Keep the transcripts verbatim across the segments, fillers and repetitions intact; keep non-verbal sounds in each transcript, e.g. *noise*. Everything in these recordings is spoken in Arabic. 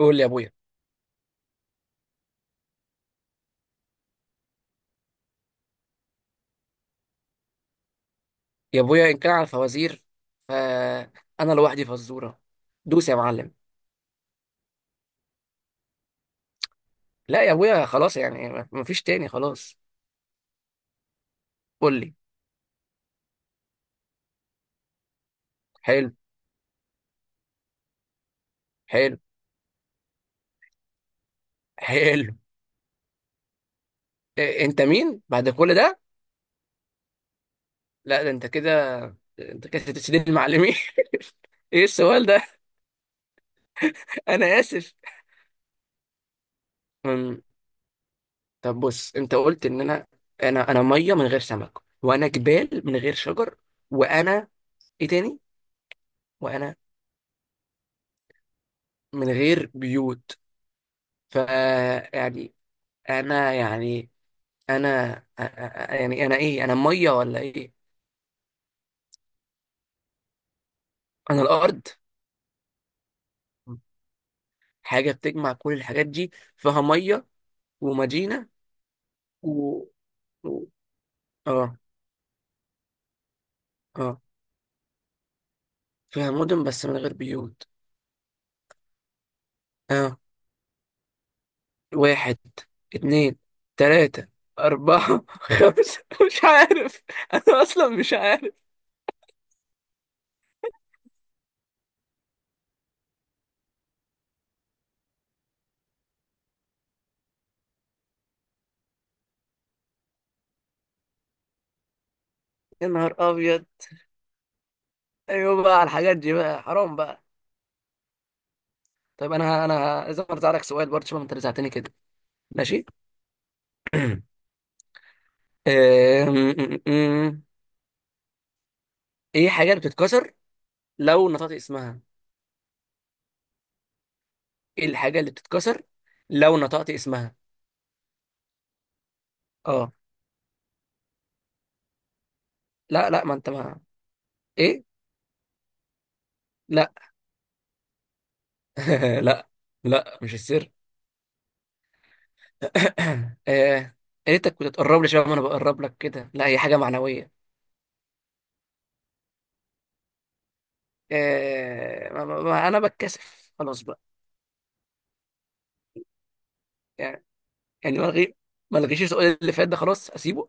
قول لي يا ابويا. يا ابويا، ان كان على الفوازير فانا لوحدي فزوره. دوس يا معلم. لا يا ابويا، خلاص يعني مفيش تاني، خلاص. قول لي. حلو. حلو. حلو. إيه انت مين بعد كل ده؟ لا، ده انت كده، انت كده تسديد المعلمين. *laughs* ايه السؤال ده؟ انا اسف. أم، طب بص، انت قلت ان انا انا انا ميه من غير سمك، وانا جبال من غير شجر، وانا ايه تاني؟ وانا من غير بيوت. ف يعني انا يعني انا أ- أ- يعني انا ايه، انا ميه ولا ايه؟ انا الارض. حاجه بتجمع كل الحاجات دي، فيها ميه ومدينه و... و... اه. اه فيها مدن بس من غير بيوت. اه. واحد، اتنين، تلاتة، أربعة، *laughs* خمسة. مش عارف، أنا أصلا مش عارف. يا نهار أبيض. أيوة بقى، على الحاجات دي بقى؟ حرام بقى. طيب أنا أنا لازم أرزع لك سؤال برضه. شوف أنت رزعتني كده. ماشي. *clears throat* أم- أم- أم. ايه حاجة اللي بتتكسر لو نطقت اسمها؟ ايه الحاجة اللي بتتكسر لو نطقت اسمها؟ اه. لا لا ما انت ما. ايه؟ لا. *laughs* لا، لا مش السر. *coughs* آه، ريتك كنت تقرب لي شباب ما انا بقرب لك كده. لا، هي حاجة معنوية. آه، ما ما- ما- انا بتكسف خلاص بقى. يعني يعني ما لغي ما لغيش السؤال اللي فات ده، خلاص اسيبه.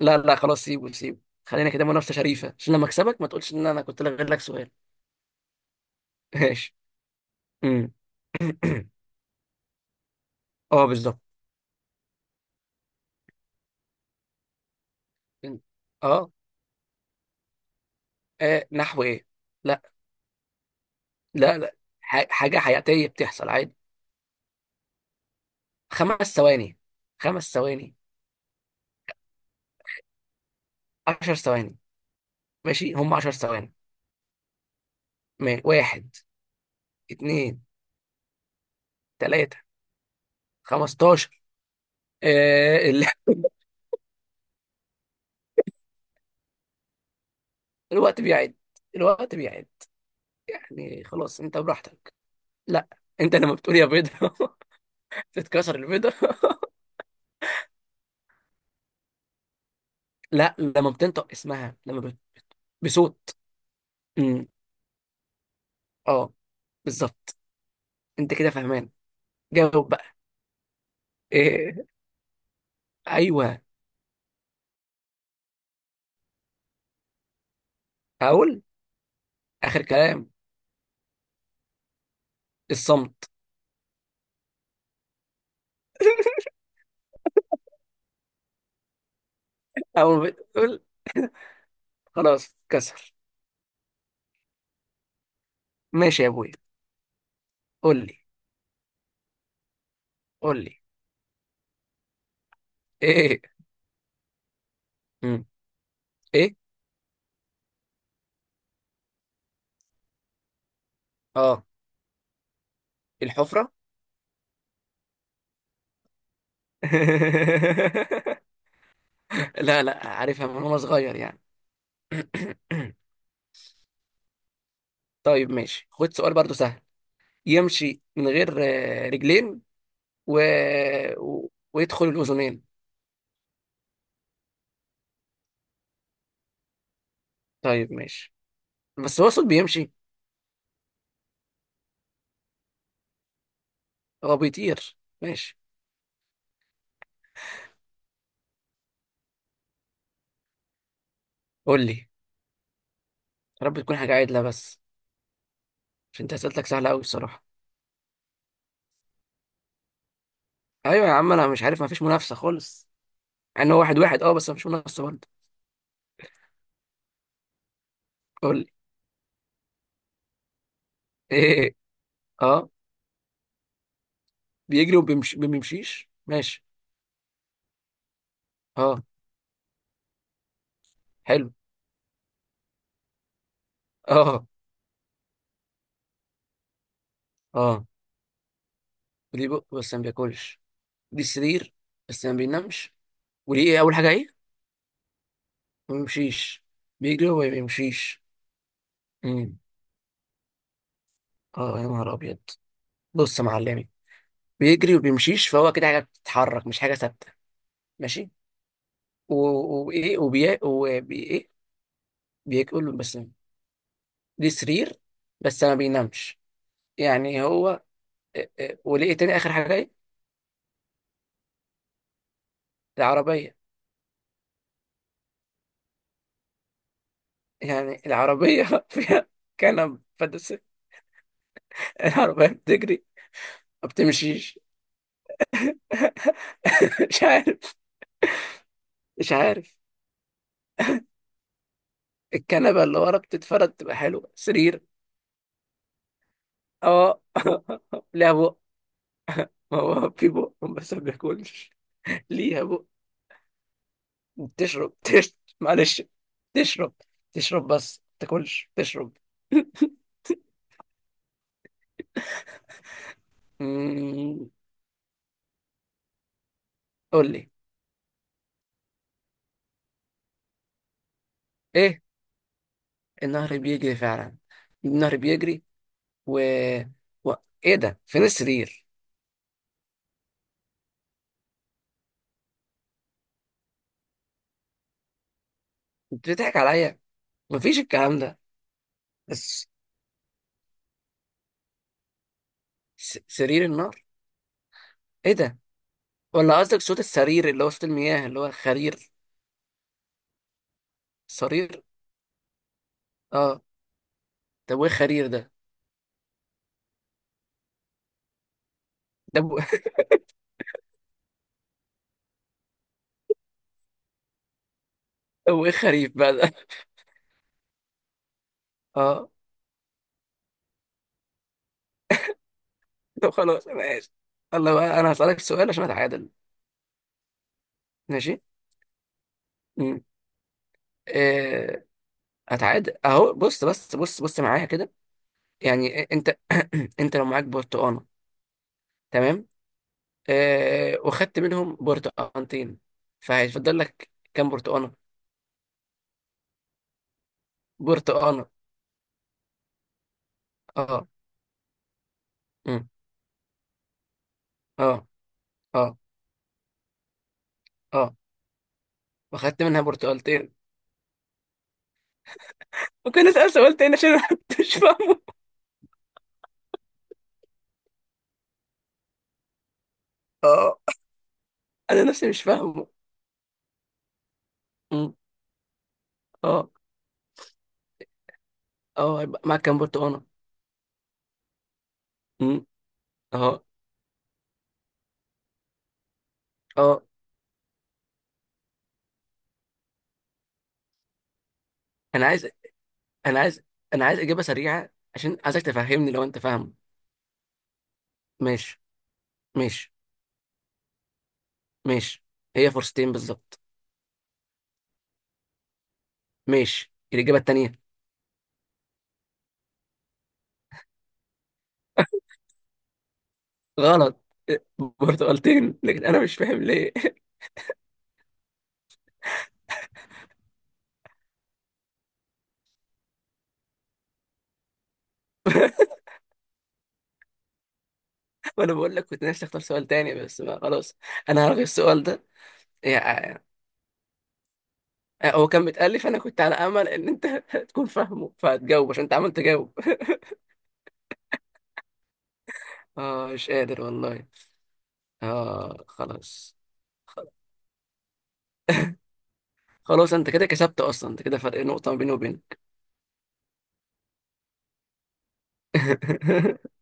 لا، لا خلاص سيبه، سيبه. خلينا كده منافسة شريفة، عشان لما اكسبك ما تقولش ان انا كنت لغيت لك سؤال. *laughs* ماشي. امم *coughs* اه، بالظبط. اه. آه، نحو ايه؟ لا، لا، لا ح- حاجه حياتيه بتحصل عادي. خمس ثواني. خمس ثواني. عشر ثواني. ماشي هم عشر ثواني. ما- واحد، اتنين، تلاته، خمستاشر. آه ال... *laughs* الوقت بيعد. الوقت بيعد. يعني خلاص انت براحتك. لا، انت لما بتقول يا بيضه، *laughs* تتكسر البيضه. *laughs* لا، لما بتنطق اسمها، لما بت... بصوت. امم اه، بالظبط. انت كده فاهمان، جاوب بقى. إيه. ايوه، هقول اخر كلام: الصمت. *laughs* اول ما بتقول، *laughs* خلاص كسر. ماشي يا ابويا. قول لي قول لي. ايه؟ مم. ايه. اه، الحفرة. *laughs* لا، لا عارفها من وانا صغير يعني. *clears throat* طيب ماشي. خد سؤال برضو سهل. يمشي من غير آه، رجلين، و... و... ويدخل الاذنين. طيب ماشي. بس هو صوت بيمشي. هو بيطير. ماشي. قول لي. يا رب تكون حاجة عادلة بس، عشان انت اسئلتك سهلة قوي الصراحة. ايوه يا عم، انا مش عارف، ما فيش منافسه خالص. مع ان هو واحد واحد اه، بس ما فيش منافسه برضه. قول لي. *laughs* ايه. اه. بيجري وبيمشي ما بيمشيش ماشي. اه، حلو. اه. اه وليه بق بس ما بياكلش، ليه سرير بس ما بينامش، وليه ايه اول حاجه ايه؟ ما بيمشيش. بيجري وما بيمشيش. امم اه، يا نهار ابيض. بص يا معلمي، بيجري وبيمشيش فهو كده حاجه بتتحرك مش حاجه ثابته. ماشي. و- وايه وبي وبي ايه؟ بياكل بس. ليه سرير بس ما بينامش. يعني هو، إيه؟ إيه، ولقي تاني اخر حاجه ايه؟ العربيه. يعني العربيه *laughs* فيها كنب فدسك. العربيه بتجري، ما بتمشيش. *laughs* مش عارف، مش عارف. الكنبه اللي ورا بتتفرد تبقى حلوه سرير. اه. *laughs* ليها بق. ما هو في بق بس ما بياكلش. ليها بق. بتشرب، تشرب. معلش. تشرب. تشرب بس ما تاكلش. تشرب. *laughs* أمم، قول لي. ايه. النهر بيجري فعلا. النهر بيجري و... و... ايه ده؟ فين السرير؟ انت بتضحك عليا، مفيش الكلام ده. بس س... سرير النار؟ ايه ده؟ ولا قصدك صوت السرير اللي هو صوت المياه اللي هو خرير؟ صرير، اه. طب وايه خرير ده؟ ده ب... *laughs* طب وايه خريف بقى ده؟ *laughs* اه. طب خلاص، انا اسف. الله بقى، انا هسألك سؤال عشان اتعادل. ماشي. امم إيه... اتعادل اهو. بص، بس بص، بص معايا كده. يعني إيه- انت *clears throat* انت لو معاك برتقانه، تمام؟ آه وخدت منهم برتقانتين، فهيفضل لك كام برتقانة؟ برتقانة. اه. أمم، اه. اه. اه، وخدت منها برتقالتين. ممكن اسأل سؤال تاني عشان أنا *laughs* مش فاهمه؟ اه، انا نفسي مش فاهمه. أمم، اه. اه هيبقى معاك كام برتقانة؟ أمم، اه. اه انا عايز انا عايز انا عايز اجابة سريعة. عشان عايزك تفهمني لو انت فاهم. ماشي. ماشي. ماشي. هي فرصتين بالظبط. ماشي الإجابة التانية. غلط. برتقالتين، لكن انا مش فاهم ليه. *laughs* وانا بقول لك كنت نفسي اختار سؤال تاني، بس بقى خلاص. انا هلغي السؤال ده. يعني هو كان متألف، انا كنت على امل ان انت *laughs* تكون فاهمه فهتجاوب، عشان انت عمال تجاوب. *laughs* اه مش قادر والله. اه خلاص. خلاص، انت كده كسبت اصلا. انت كده فرق نقطة ما بيني وبينك. *laughs*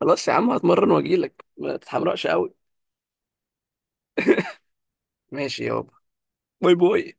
خلاص يا عم، هتمرن واجيلك، ما تتحمرقش قوي. ماشي يابا. باي باي.